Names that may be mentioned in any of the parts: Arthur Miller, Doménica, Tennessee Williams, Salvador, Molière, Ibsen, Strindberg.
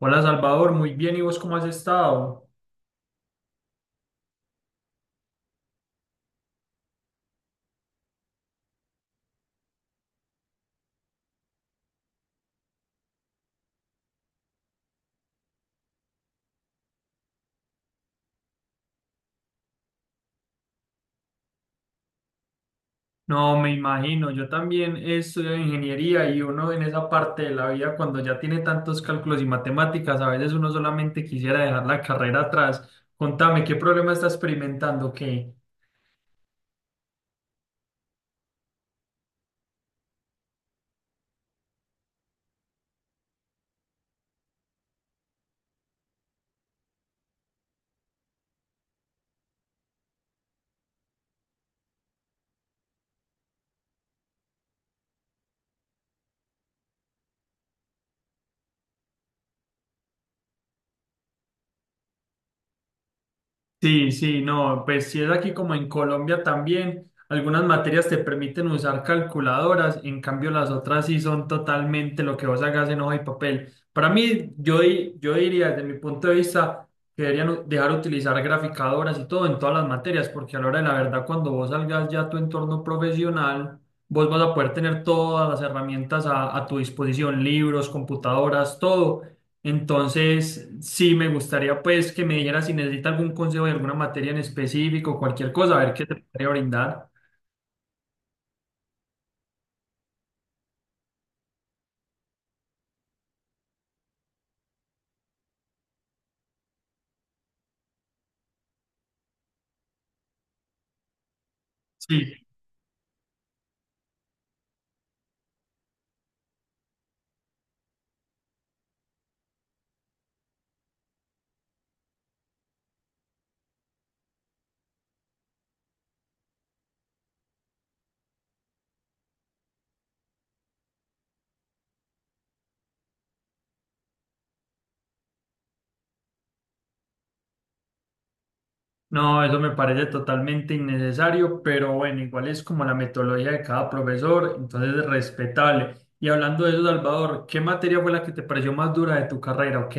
Hola Salvador, muy bien, ¿y vos cómo has estado? No, me imagino, yo también he estudiado ingeniería y uno en esa parte de la vida cuando ya tiene tantos cálculos y matemáticas, a veces uno solamente quisiera dejar la carrera atrás. Contame, ¿qué problema está experimentando? ¿Qué? Sí, sí, no, pues si es aquí como en Colombia también, algunas materias te permiten usar calculadoras, en cambio las otras sí son totalmente lo que vos hagas en hoja y papel. Para mí, yo, yo diría desde mi punto de vista que deberían dejar utilizar graficadoras y todo en todas las materias, porque a la hora de la verdad, cuando vos salgas ya a tu entorno profesional, vos vas a poder tener todas las herramientas a tu disposición, libros, computadoras, todo. Entonces, sí, me gustaría pues que me dijera si necesita algún consejo de alguna materia en específico, cualquier cosa, a ver qué te podría brindar. Sí, no, eso me parece totalmente innecesario, pero bueno, igual es como la metodología de cada profesor, entonces es respetable. Y hablando de eso, Salvador, ¿qué materia fue la que te pareció más dura de tu carrera? Ok.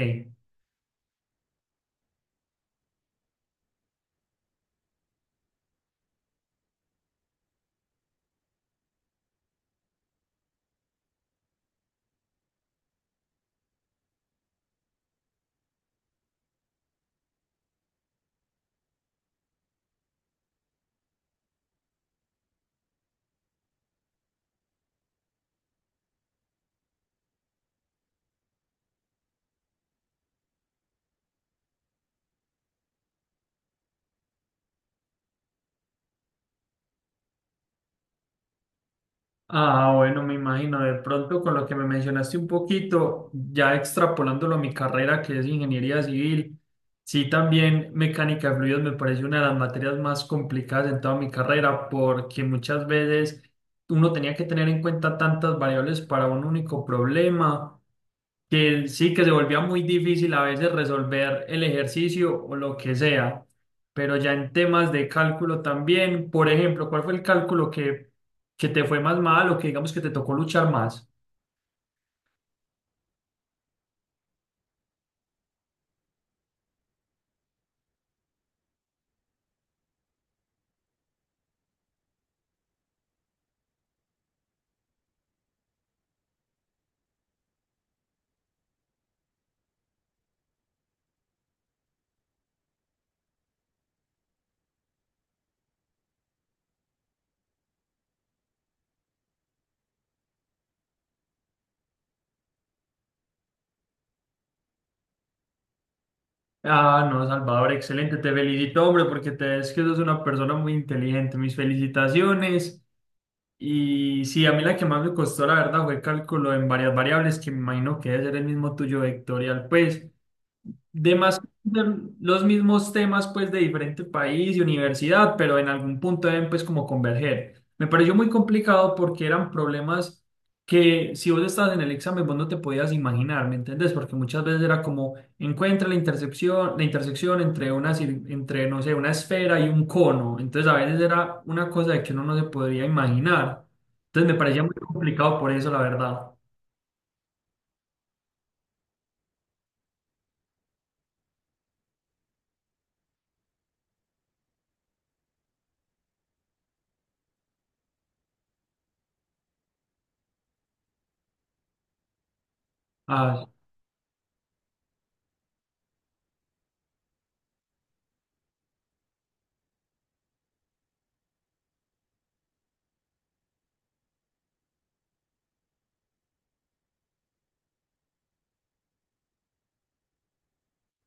Ah, bueno, me imagino, de pronto con lo que me mencionaste un poquito, ya extrapolándolo a mi carrera que es ingeniería civil, sí, también mecánica de fluidos me parece una de las materias más complicadas en toda mi carrera porque muchas veces uno tenía que tener en cuenta tantas variables para un único problema, que sí, que se volvía muy difícil a veces resolver el ejercicio o lo que sea, pero ya en temas de cálculo también, por ejemplo, ¿cuál fue el cálculo que te fue más mal o que digamos que te tocó luchar más? Ah, no, Salvador, excelente, te felicito, hombre, porque te es que sos una persona muy inteligente, mis felicitaciones. Y sí, a mí la que más me costó, la verdad, fue cálculo en varias variables, que me imagino que debe ser el mismo tuyo vectorial, pues. Demás de los mismos temas pues de diferente país y universidad, pero en algún punto deben pues como converger. Me pareció muy complicado porque eran problemas que si vos estabas en el examen vos no te podías imaginar, ¿me entendés? Porque muchas veces era como encuentra la intersección entre una entre no sé, una esfera y un cono. Entonces a veces era una cosa de que uno no se podría imaginar. Entonces me parecía muy complicado por eso, la verdad. Ah,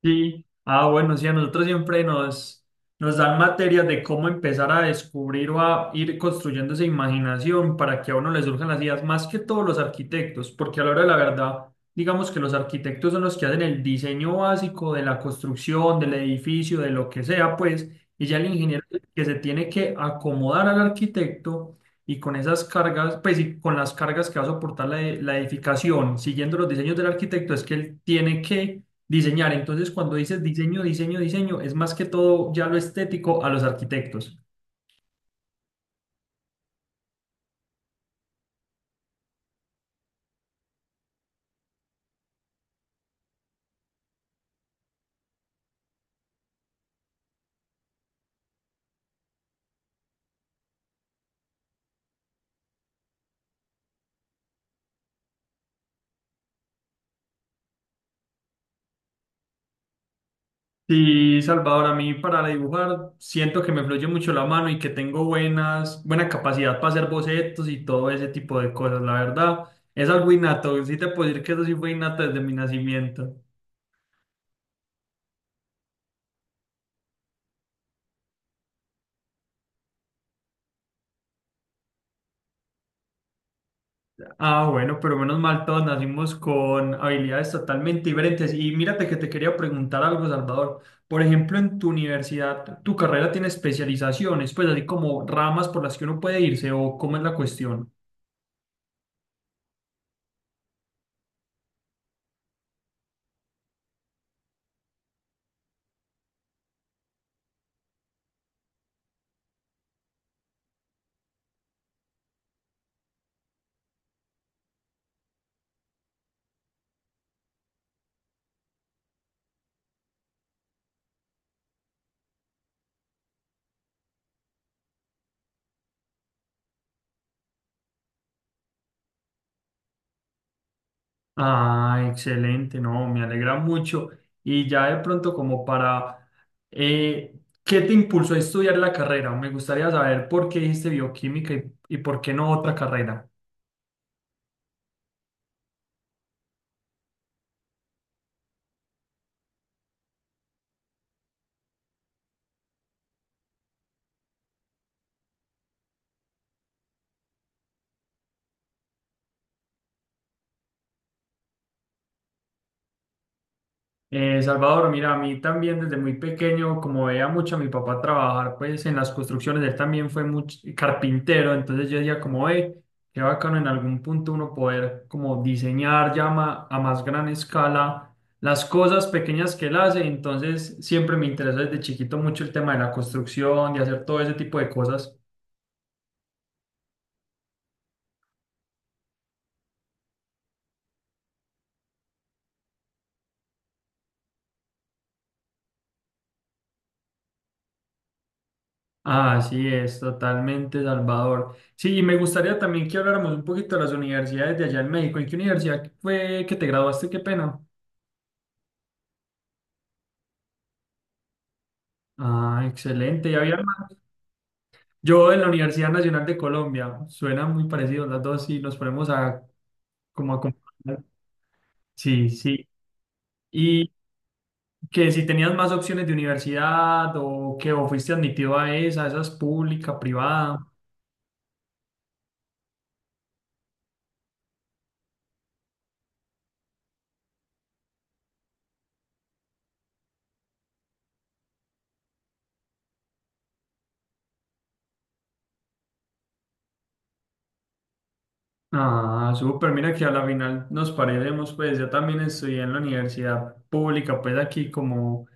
sí, ah, bueno, sí, a nosotros siempre nos, nos dan materias de cómo empezar a descubrir o a ir construyendo esa imaginación para que a uno le surjan las ideas, más que todos los arquitectos, porque a la hora de la verdad, digamos que los arquitectos son los que hacen el diseño básico de la construcción, del edificio, de lo que sea, pues, y ya el ingeniero es el que se tiene que acomodar al arquitecto y con esas cargas, pues, y con las cargas que va a soportar la, la edificación, siguiendo los diseños del arquitecto, es que él tiene que diseñar. Entonces cuando dices diseño, diseño, diseño, es más que todo ya lo estético a los arquitectos. Sí, Salvador, a mí para dibujar siento que me fluye mucho la mano y que tengo buenas, buena capacidad para hacer bocetos y todo ese tipo de cosas, la verdad. Es algo innato, sí te puedo decir que eso sí fue innato desde mi nacimiento. Ah, bueno, pero menos mal, todos nacimos con habilidades totalmente diferentes. Y mírate que te quería preguntar algo, Salvador. Por ejemplo, en tu universidad, ¿tu carrera tiene especializaciones, pues así como ramas por las que uno puede irse o cómo es la cuestión? Ah, excelente, no, me alegra mucho. Y ya de pronto como para, ¿qué te impulsó a estudiar la carrera? Me gustaría saber por qué dijiste bioquímica y por qué no otra carrera. Salvador, mira, a mí también desde muy pequeño, como veía mucho a mi papá trabajar, pues en las construcciones, él también fue mucho carpintero, entonces yo decía como, qué bacano en algún punto uno poder como diseñar ya a más gran escala las cosas pequeñas que él hace, entonces siempre me interesó desde chiquito mucho el tema de la construcción, de hacer todo ese tipo de cosas. Así es, totalmente, Salvador. Sí, y me gustaría también que habláramos un poquito de las universidades de allá en México. ¿En qué universidad fue que te graduaste? Qué pena. Ah, excelente. Y había más. Yo en la Universidad Nacional de Colombia, suena muy parecido las dos y nos ponemos a como a comparar. Sí, sí. Y que si tenías más opciones de universidad o que o fuiste admitido a esa, esa es pública, privada. Ah, súper, mira que a la final nos parecemos, pues yo también estudié en la universidad pública, pues aquí como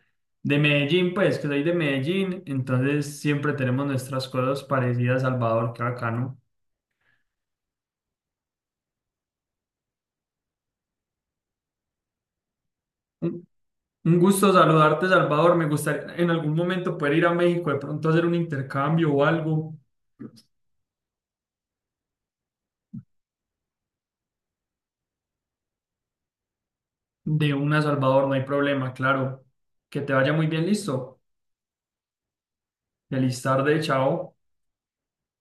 de Medellín, pues que soy de Medellín, entonces siempre tenemos nuestras cosas parecidas, Salvador, qué bacano. Un un gusto saludarte, Salvador. Me gustaría en algún momento poder ir a México, de pronto hacer un intercambio o algo. De una, Salvador. No hay problema, claro. Que te vaya muy bien, listo. Feliz tarde, chao.